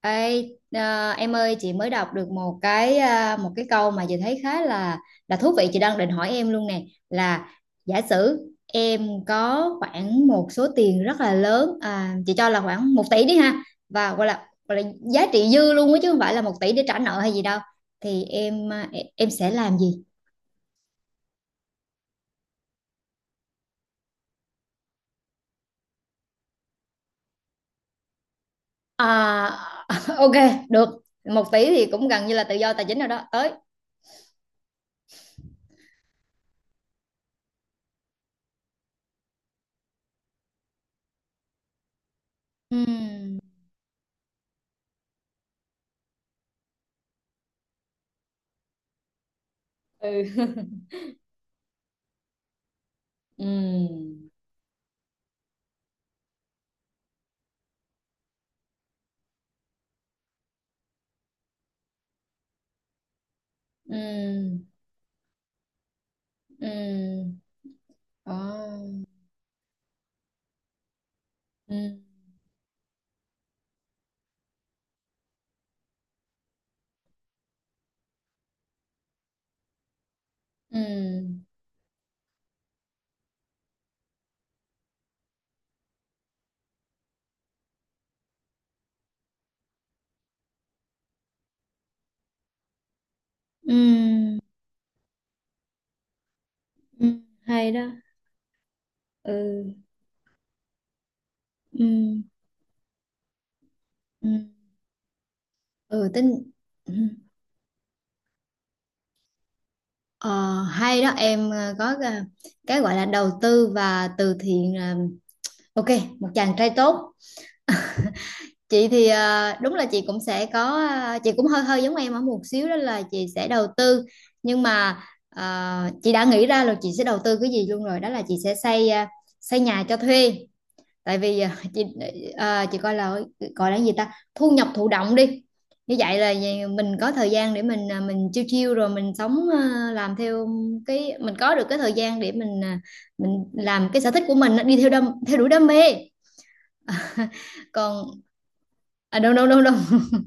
Ê, em ơi, chị mới đọc được một cái câu mà chị thấy khá là thú vị. Chị đang định hỏi em luôn nè, là giả sử em có khoảng một số tiền rất là lớn, chị cho là khoảng 1 tỷ đi ha, và gọi là giá trị dư luôn á, chứ không phải là 1 tỷ để trả nợ hay gì đâu, thì em sẽ làm gì? À, ok, được. 1 tỷ thì cũng gần như là tự do tài chính rồi đó tới. Ừm. Ừ. Ừm. Ừm. Ừm. Ồ. Ừ. Ừ. Ừ. Ừ. Hay đó. Ừ. Ừ. Ừ. Ừ tính. Ừ. Ờ, Hay đó em. Cái gọi là đầu tư và từ thiện là ok, một chàng trai tốt. Chị thì, đúng là chị cũng sẽ có, chị cũng hơi hơi giống em ở một xíu, đó là chị sẽ đầu tư. Nhưng mà, ờ, chị đã nghĩ ra là chị sẽ đầu tư cái gì luôn rồi, đó là chị sẽ xây, xây nhà cho thuê. Tại vì chị, chị coi là gọi là cái gì ta, thu nhập thụ động đi. Như vậy là gì, mình có thời gian để mình, mình chiêu chiêu rồi mình sống, làm theo cái mình có được, cái thời gian để mình, mình làm cái sở thích của mình á, đi theo đam theo đuổi đam mê. Còn, à, đâu đâu đâu đâu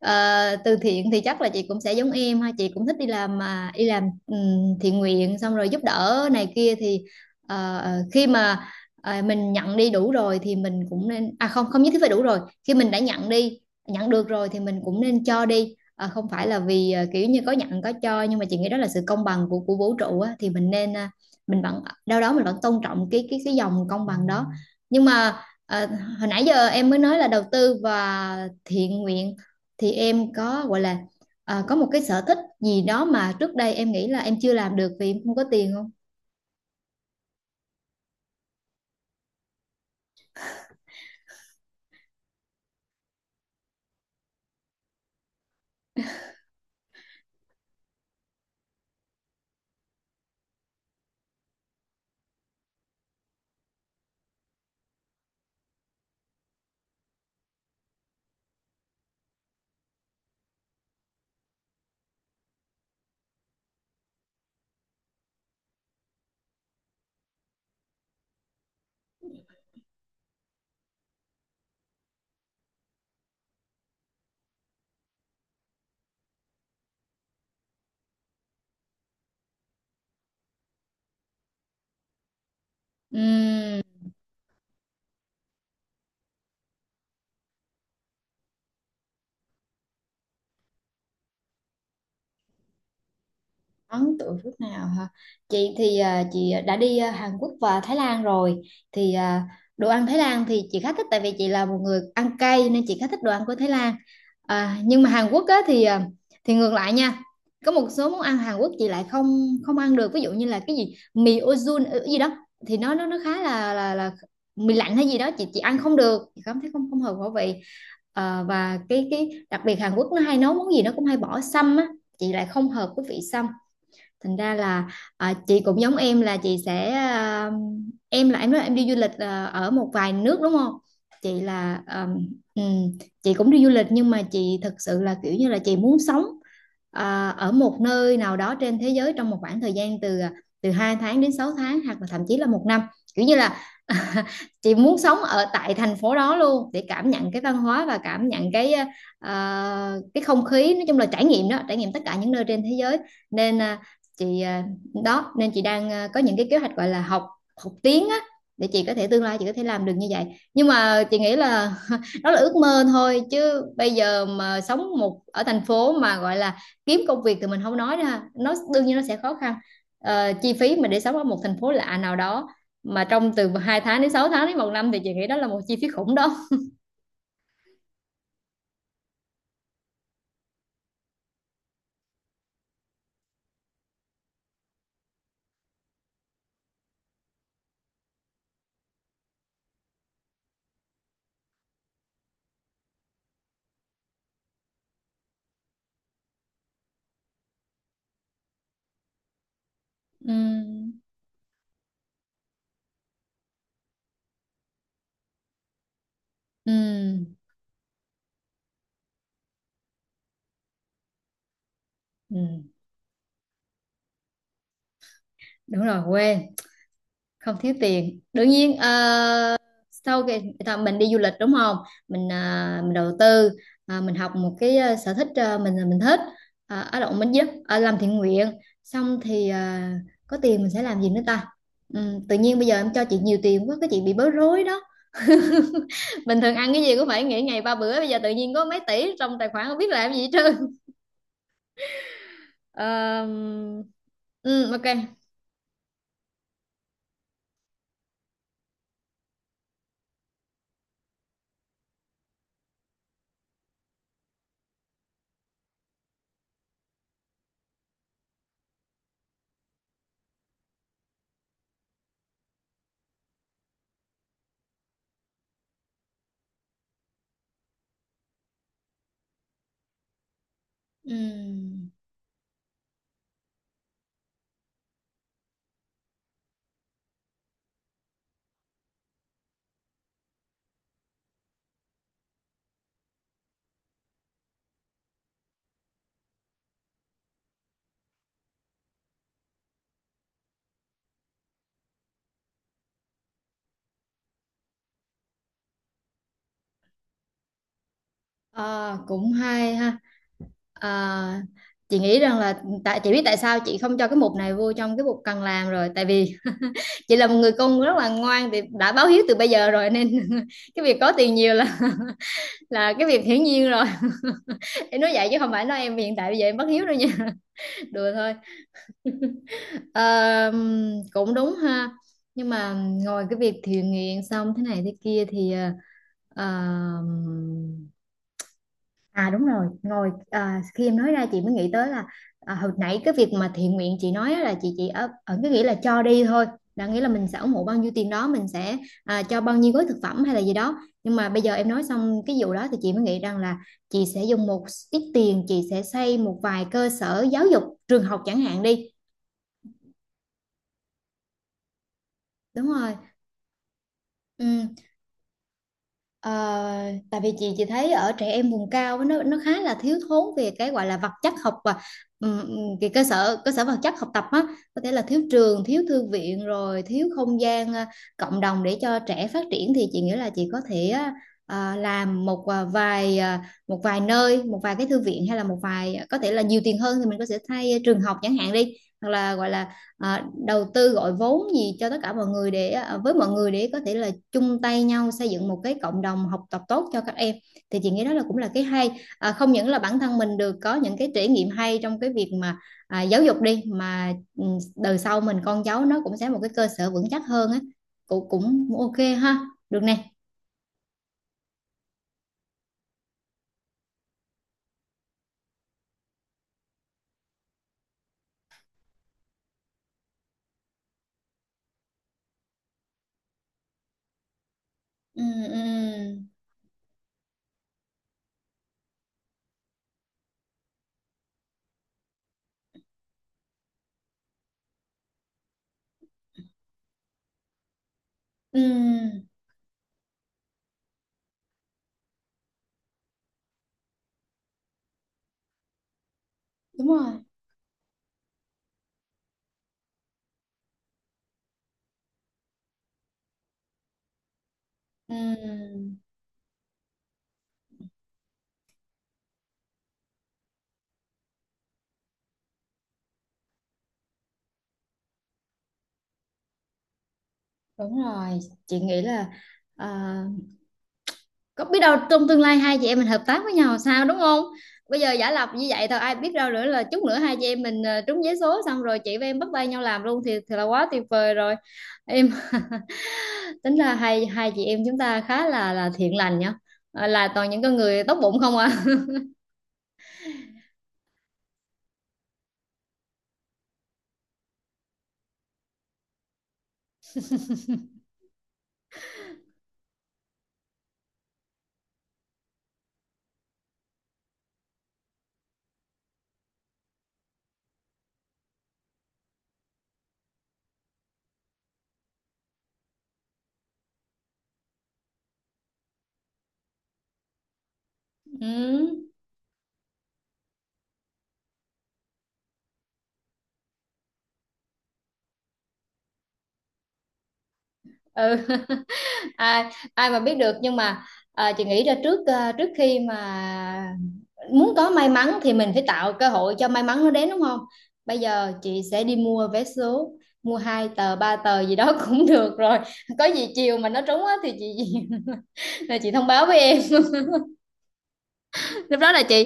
Ờ, Từ thiện thì chắc là chị cũng sẽ giống em ha, chị cũng thích đi làm, mà đi làm thiện nguyện xong rồi giúp đỡ này kia thì, khi mà, mình nhận đi đủ rồi thì mình cũng nên, à không, không nhất thiết phải đủ rồi, khi mình đã nhận đi, nhận được rồi thì mình cũng nên cho đi. Ờ, Không phải là vì, kiểu như có nhận có cho, nhưng mà chị nghĩ đó là sự công bằng của vũ trụ á, thì mình nên, mình vẫn đâu đó mình vẫn tôn trọng cái dòng công bằng đó. Nhưng mà, ờ, hồi nãy giờ em mới nói là đầu tư và thiện nguyện, thì em có gọi là, có một cái sở thích gì đó mà trước đây em nghĩ là em chưa làm được vì em không có tiền không? Ừm. Ấn tượng nước nào hả? Chị thì, chị đã đi, Hàn Quốc và Thái Lan rồi, thì đồ ăn Thái Lan thì chị khá thích, tại vì chị là một người ăn cay nên chị khá thích đồ ăn của Thái Lan. À, nhưng mà Hàn Quốc á, thì thì ngược lại nha. Có một số món ăn Hàn Quốc chị lại không không ăn được, ví dụ như là cái gì mì ozun gì đó, thì nó khá là mì lạnh hay gì đó, chị ăn không được, chị cảm thấy không không hợp khẩu vị. Và cái đặc biệt Hàn Quốc, nó hay nấu món gì nó cũng hay bỏ sâm á, chị lại không hợp với vị sâm, thành ra là, chị cũng giống em, là chị sẽ, em là em nói em đi du lịch, ở một vài nước đúng không, chị là ừm, chị cũng đi du lịch, nhưng mà chị thực sự là kiểu như là chị muốn sống, ở một nơi nào đó trên thế giới trong một khoảng thời gian từ, từ 2 tháng đến 6 tháng hoặc là thậm chí là một năm, kiểu như là chị muốn sống ở tại thành phố đó luôn để cảm nhận cái văn hóa và cảm nhận cái, cái không khí, nói chung là trải nghiệm đó, trải nghiệm tất cả những nơi trên thế giới. Nên, chị, đó nên chị đang, có những cái kế hoạch gọi là học, học tiếng á, để chị có thể tương lai chị có thể làm được như vậy. Nhưng mà chị nghĩ là, đó là ước mơ thôi, chứ bây giờ mà sống một ở thành phố mà gọi là kiếm công việc thì mình không nói ra nó đương nhiên nó sẽ khó khăn. Chi phí mà để sống ở một thành phố lạ nào đó mà trong từ 2 tháng đến 6 tháng đến một năm, thì chị nghĩ đó là một chi phí khủng đó. Ừm. Ừm. Ừm. Đúng rồi, quên, không thiếu tiền đương nhiên. Ờ, Sau cái ta, mình đi du lịch đúng không, mình, mình đầu tư, mình học một cái, sở thích, mình, mình thích, ở động mình giúp, làm thiện nguyện, xong thì, có tiền mình sẽ làm gì nữa ta. Tự nhiên bây giờ em cho chị nhiều tiền quá, cái chị bị bối rối đó. Bình thường ăn cái gì cũng phải nghỉ ngày 3 bữa, bây giờ tự nhiên có mấy tỷ trong tài khoản không biết làm gì hết trơn. Ờm, ok. Ừm. À, cũng hay ha. À, chị nghĩ rằng là, tại chị biết tại sao chị không cho cái mục này vô trong cái mục cần làm rồi, tại vì chị là một người con rất là ngoan thì đã báo hiếu từ bây giờ rồi nên cái việc có tiền nhiều là cái việc hiển nhiên rồi. Em nói vậy chứ không phải nói em hiện tại bây giờ em bất hiếu đâu nha. Đùa thôi. Ờ, Cũng đúng ha, nhưng mà ngồi cái việc thiện nguyện xong thế này thế kia thì, ờ, à đúng rồi, ngồi, khi em nói ra chị mới nghĩ tới là, hồi nãy cái việc mà thiện nguyện chị nói á, là chị ở ở cái nghĩa là cho đi thôi, là nghĩa là mình sẽ ủng hộ bao nhiêu tiền đó, mình sẽ, cho bao nhiêu gói thực phẩm hay là gì đó. Nhưng mà bây giờ em nói xong cái vụ đó thì chị mới nghĩ rằng là chị sẽ dùng một ít tiền, chị sẽ xây một vài cơ sở giáo dục, trường học chẳng hạn đi. Đúng rồi. Ừ. Ờ, Tại vì chị thấy ở trẻ em vùng cao á, nó khá là thiếu thốn về cái gọi là vật chất học và cái cơ sở vật chất học tập á, có thể là thiếu trường, thiếu thư viện, rồi thiếu không gian, cộng đồng để cho trẻ phát triển. Thì chị nghĩ là chị có thể á, làm một, vài, một vài nơi, một vài cái thư viện, hay là một vài, có thể là nhiều tiền hơn thì mình có thể thay, trường học chẳng hạn đi, hoặc là gọi là, đầu tư gọi vốn gì cho tất cả mọi người, để với mọi người để có thể là chung tay nhau xây dựng một cái cộng đồng học tập tốt cho các em. Thì chị nghĩ đó là cũng là cái hay, không những là bản thân mình được có những cái trải nghiệm hay trong cái việc mà, giáo dục đi, mà ừ, đời sau mình con cháu nó cũng sẽ một cái cơ sở vững chắc hơn á. Cũng cũng ok ha, được nè. Ừ. Ừ. Ừ. Đúng rồi. Ừ. Đúng rồi, chị nghĩ là, à, có biết đâu trong tương lai hai chị em mình hợp tác với nhau sao, đúng không? Bây giờ giả lập như vậy thôi, ai biết đâu nữa là chút nữa hai chị em mình, trúng vé số xong rồi chị và em bắt tay nhau làm luôn thì là quá tuyệt vời rồi. Em, tính ra hai hai chị em chúng ta khá là thiện lành nhá. Là toàn những con người tốt bụng không à. Ừ. Ừ. ai ai mà biết được, nhưng mà, chị nghĩ ra trước, trước khi mà muốn có may mắn thì mình phải tạo cơ hội cho may mắn nó đến, đúng không? Bây giờ chị sẽ đi mua vé số, mua hai tờ ba tờ gì đó cũng được rồi. Có gì chiều mà nó trúng á thì chị là chị thông báo với em. Lúc đó là chị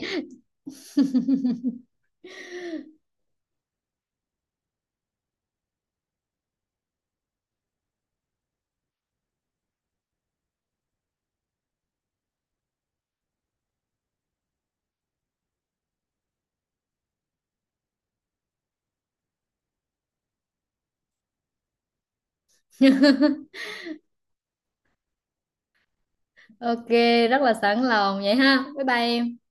ok, rất là sẵn lòng vậy ha, bye bye em.